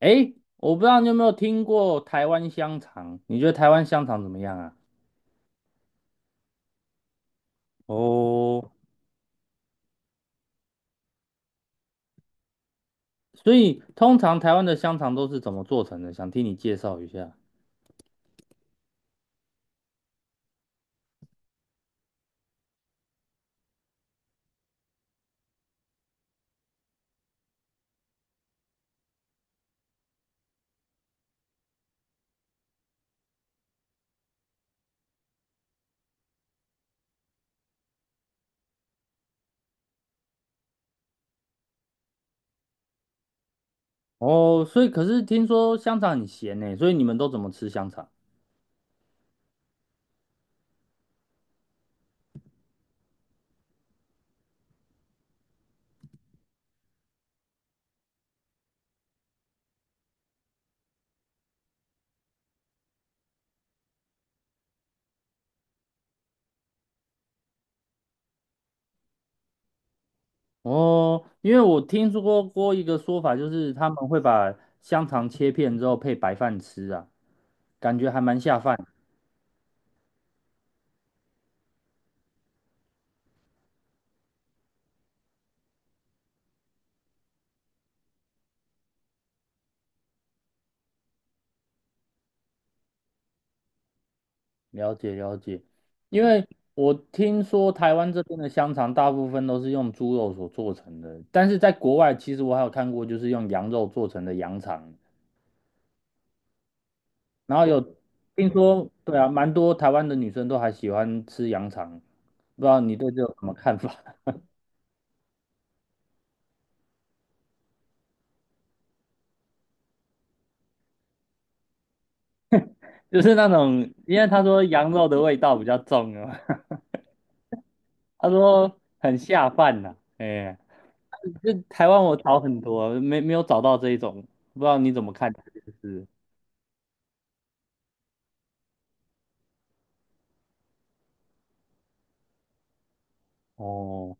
诶，我不知道你有没有听过台湾香肠？你觉得台湾香肠怎么样啊？哦，所以通常台湾的香肠都是怎么做成的？想听你介绍一下。哦，所以可是听说香肠很咸呢，所以你们都怎么吃香肠？哦，因为我听说过一个说法，就是他们会把香肠切片之后配白饭吃啊，感觉还蛮下饭。了解了解，因为我听说台湾这边的香肠大部分都是用猪肉所做成的，但是在国外其实我还有看过就是用羊肉做成的羊肠，然后有听说，对啊，蛮多台湾的女生都还喜欢吃羊肠，不知道你对这有什么看法？就是那种，因为他说羊肉的味道比较重啊，他说很下饭呐、哎、这台湾我找很多，没有找到这一种，不知道你怎么看这件事？哦，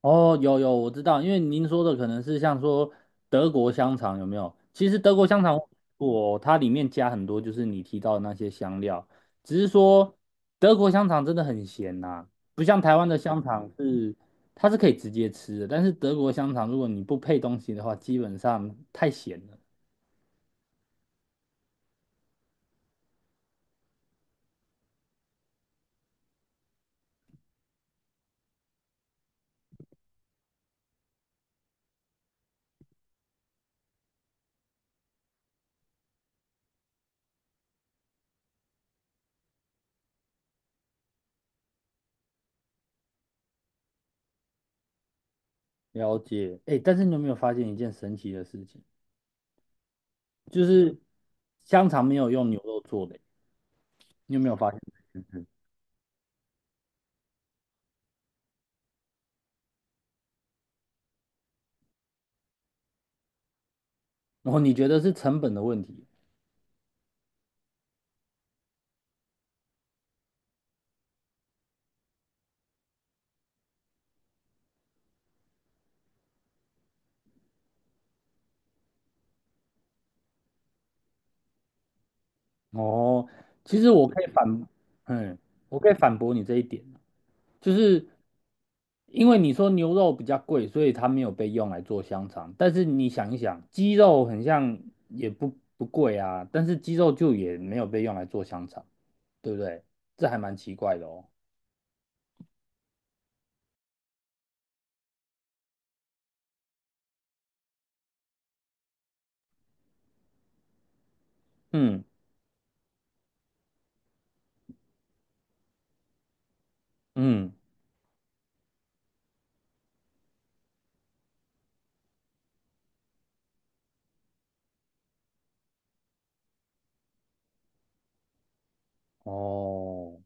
哦，有有，我知道，因为您说的可能是像说德国香肠有没有？其实德国香肠我它里面加很多就是你提到的那些香料，只是说德国香肠真的很咸呐、不像台湾的香肠是它是可以直接吃的，但是德国香肠如果你不配东西的话，基本上太咸了。了解，哎，但是你有没有发现一件神奇的事情？就是香肠没有用牛肉做的，你有没有发现？嗯然后你觉得是成本的问题？哦，其实我可以反，嗯，我可以反驳你这一点啊，就是因为你说牛肉比较贵，所以它没有被用来做香肠。但是你想一想，鸡肉很像也不贵啊，但是鸡肉就也没有被用来做香肠，对不对？这还蛮奇怪的哦。嗯嗯，哦。哦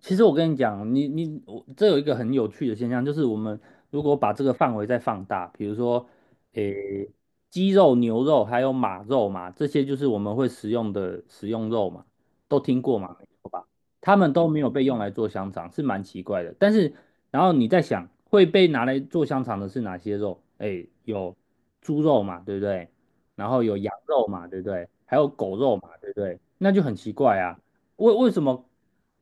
其实我跟你讲，我这有一个很有趣的现象，就是我们如果把这个范围再放大，比如说，诶，鸡肉、牛肉还有马肉嘛，这些就是我们会食用的食用肉嘛，都听过嘛，没错吧？他们都没有被用来做香肠，是蛮奇怪的。但是，然后你在想，会被拿来做香肠的是哪些肉？诶，有猪肉嘛，对不对？然后有羊肉嘛，对不对？还有狗肉嘛，对不对？那就很奇怪啊。为为什么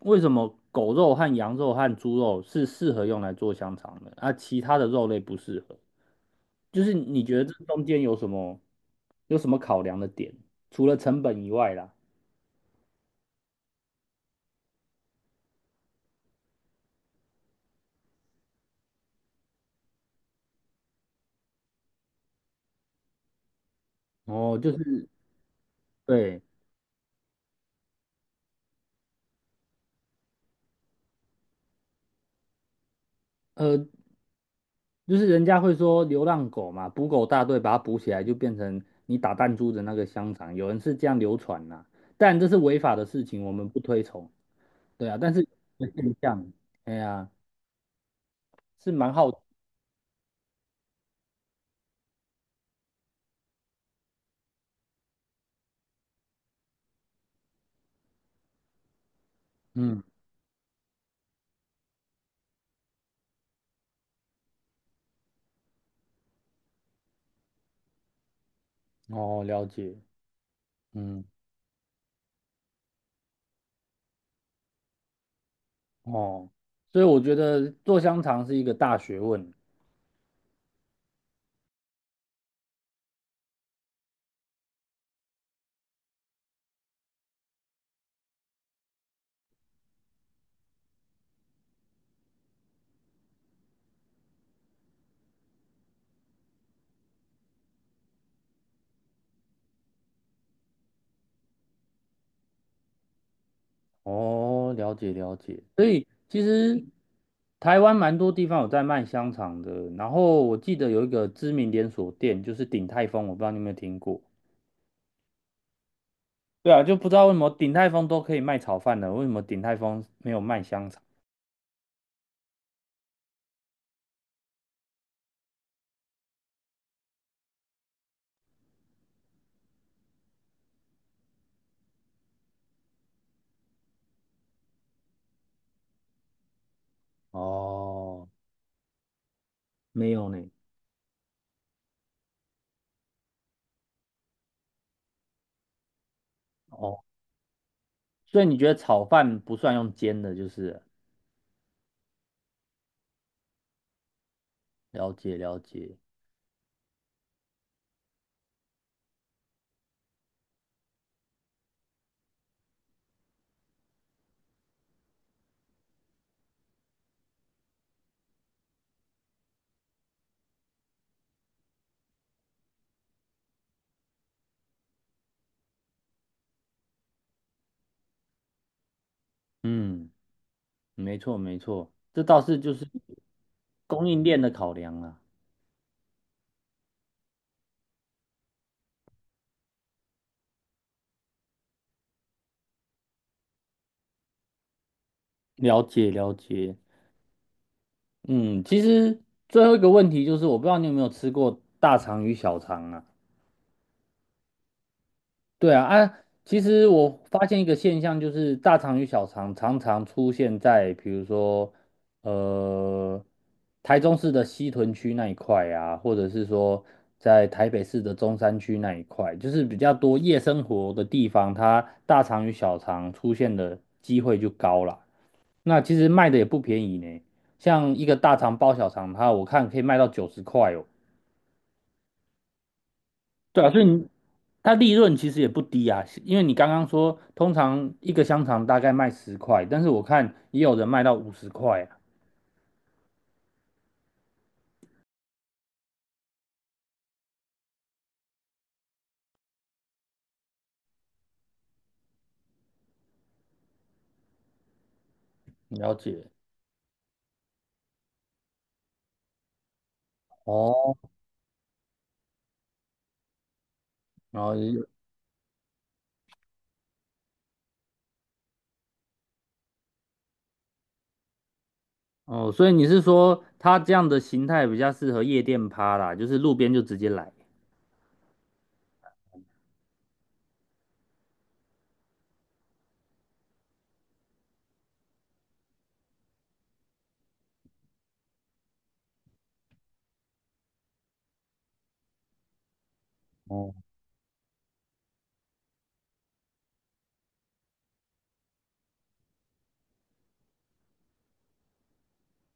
为什么狗肉和羊肉和猪肉是适合用来做香肠的，啊，其他的肉类不适合？就是你觉得这中间有什么考量的点？除了成本以外啦，哦，就是对，呃，就是人家会说流浪狗嘛，捕狗大队把它捕起来，就变成你打弹珠的那个香肠，有人是这样流传啦，但这是违法的事情，我们不推崇。对啊，但是现象，哎呀，是蛮好，嗯。哦，了解，嗯，哦，所以我觉得做香肠是一个大学问。哦，了解了解。所以其实台湾蛮多地方有在卖香肠的，然后我记得有一个知名连锁店就是鼎泰丰，我不知道你有没有听过。对啊，就不知道为什么鼎泰丰都可以卖炒饭了，为什么鼎泰丰没有卖香肠？哦，没有呢。哦，所以你觉得炒饭不算用煎的，就是了了解了解。嗯，没错没错，这倒是就是供应链的考量啊。了解了解，嗯，其实最后一个问题就是，我不知道你有没有吃过大肠与小肠啊？对啊，啊，其实我发现一个现象，就是大肠与小肠常常出现在，比如说，呃，台中市的西屯区那一块啊，或者是说在台北市的中山区那一块，就是比较多夜生活的地方，它大肠与小肠出现的机会就高了。那其实卖的也不便宜呢，像一个大肠包小肠，它我看可以卖到90块哦。对啊，所以你它利润其实也不低啊，因为你刚刚说通常一个香肠大概卖十块，但是我看也有人卖到50块啊，了解。哦，然后也有哦，所以你是说它这样的形态比较适合夜店趴啦，就是路边就直接来。哦，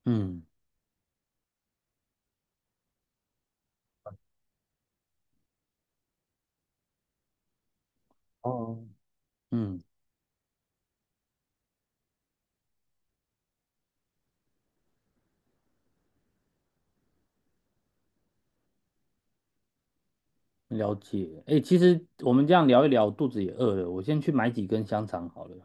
嗯哦，嗯，了解。哎，其实我们这样聊一聊，肚子也饿了，我先去买几根香肠好了。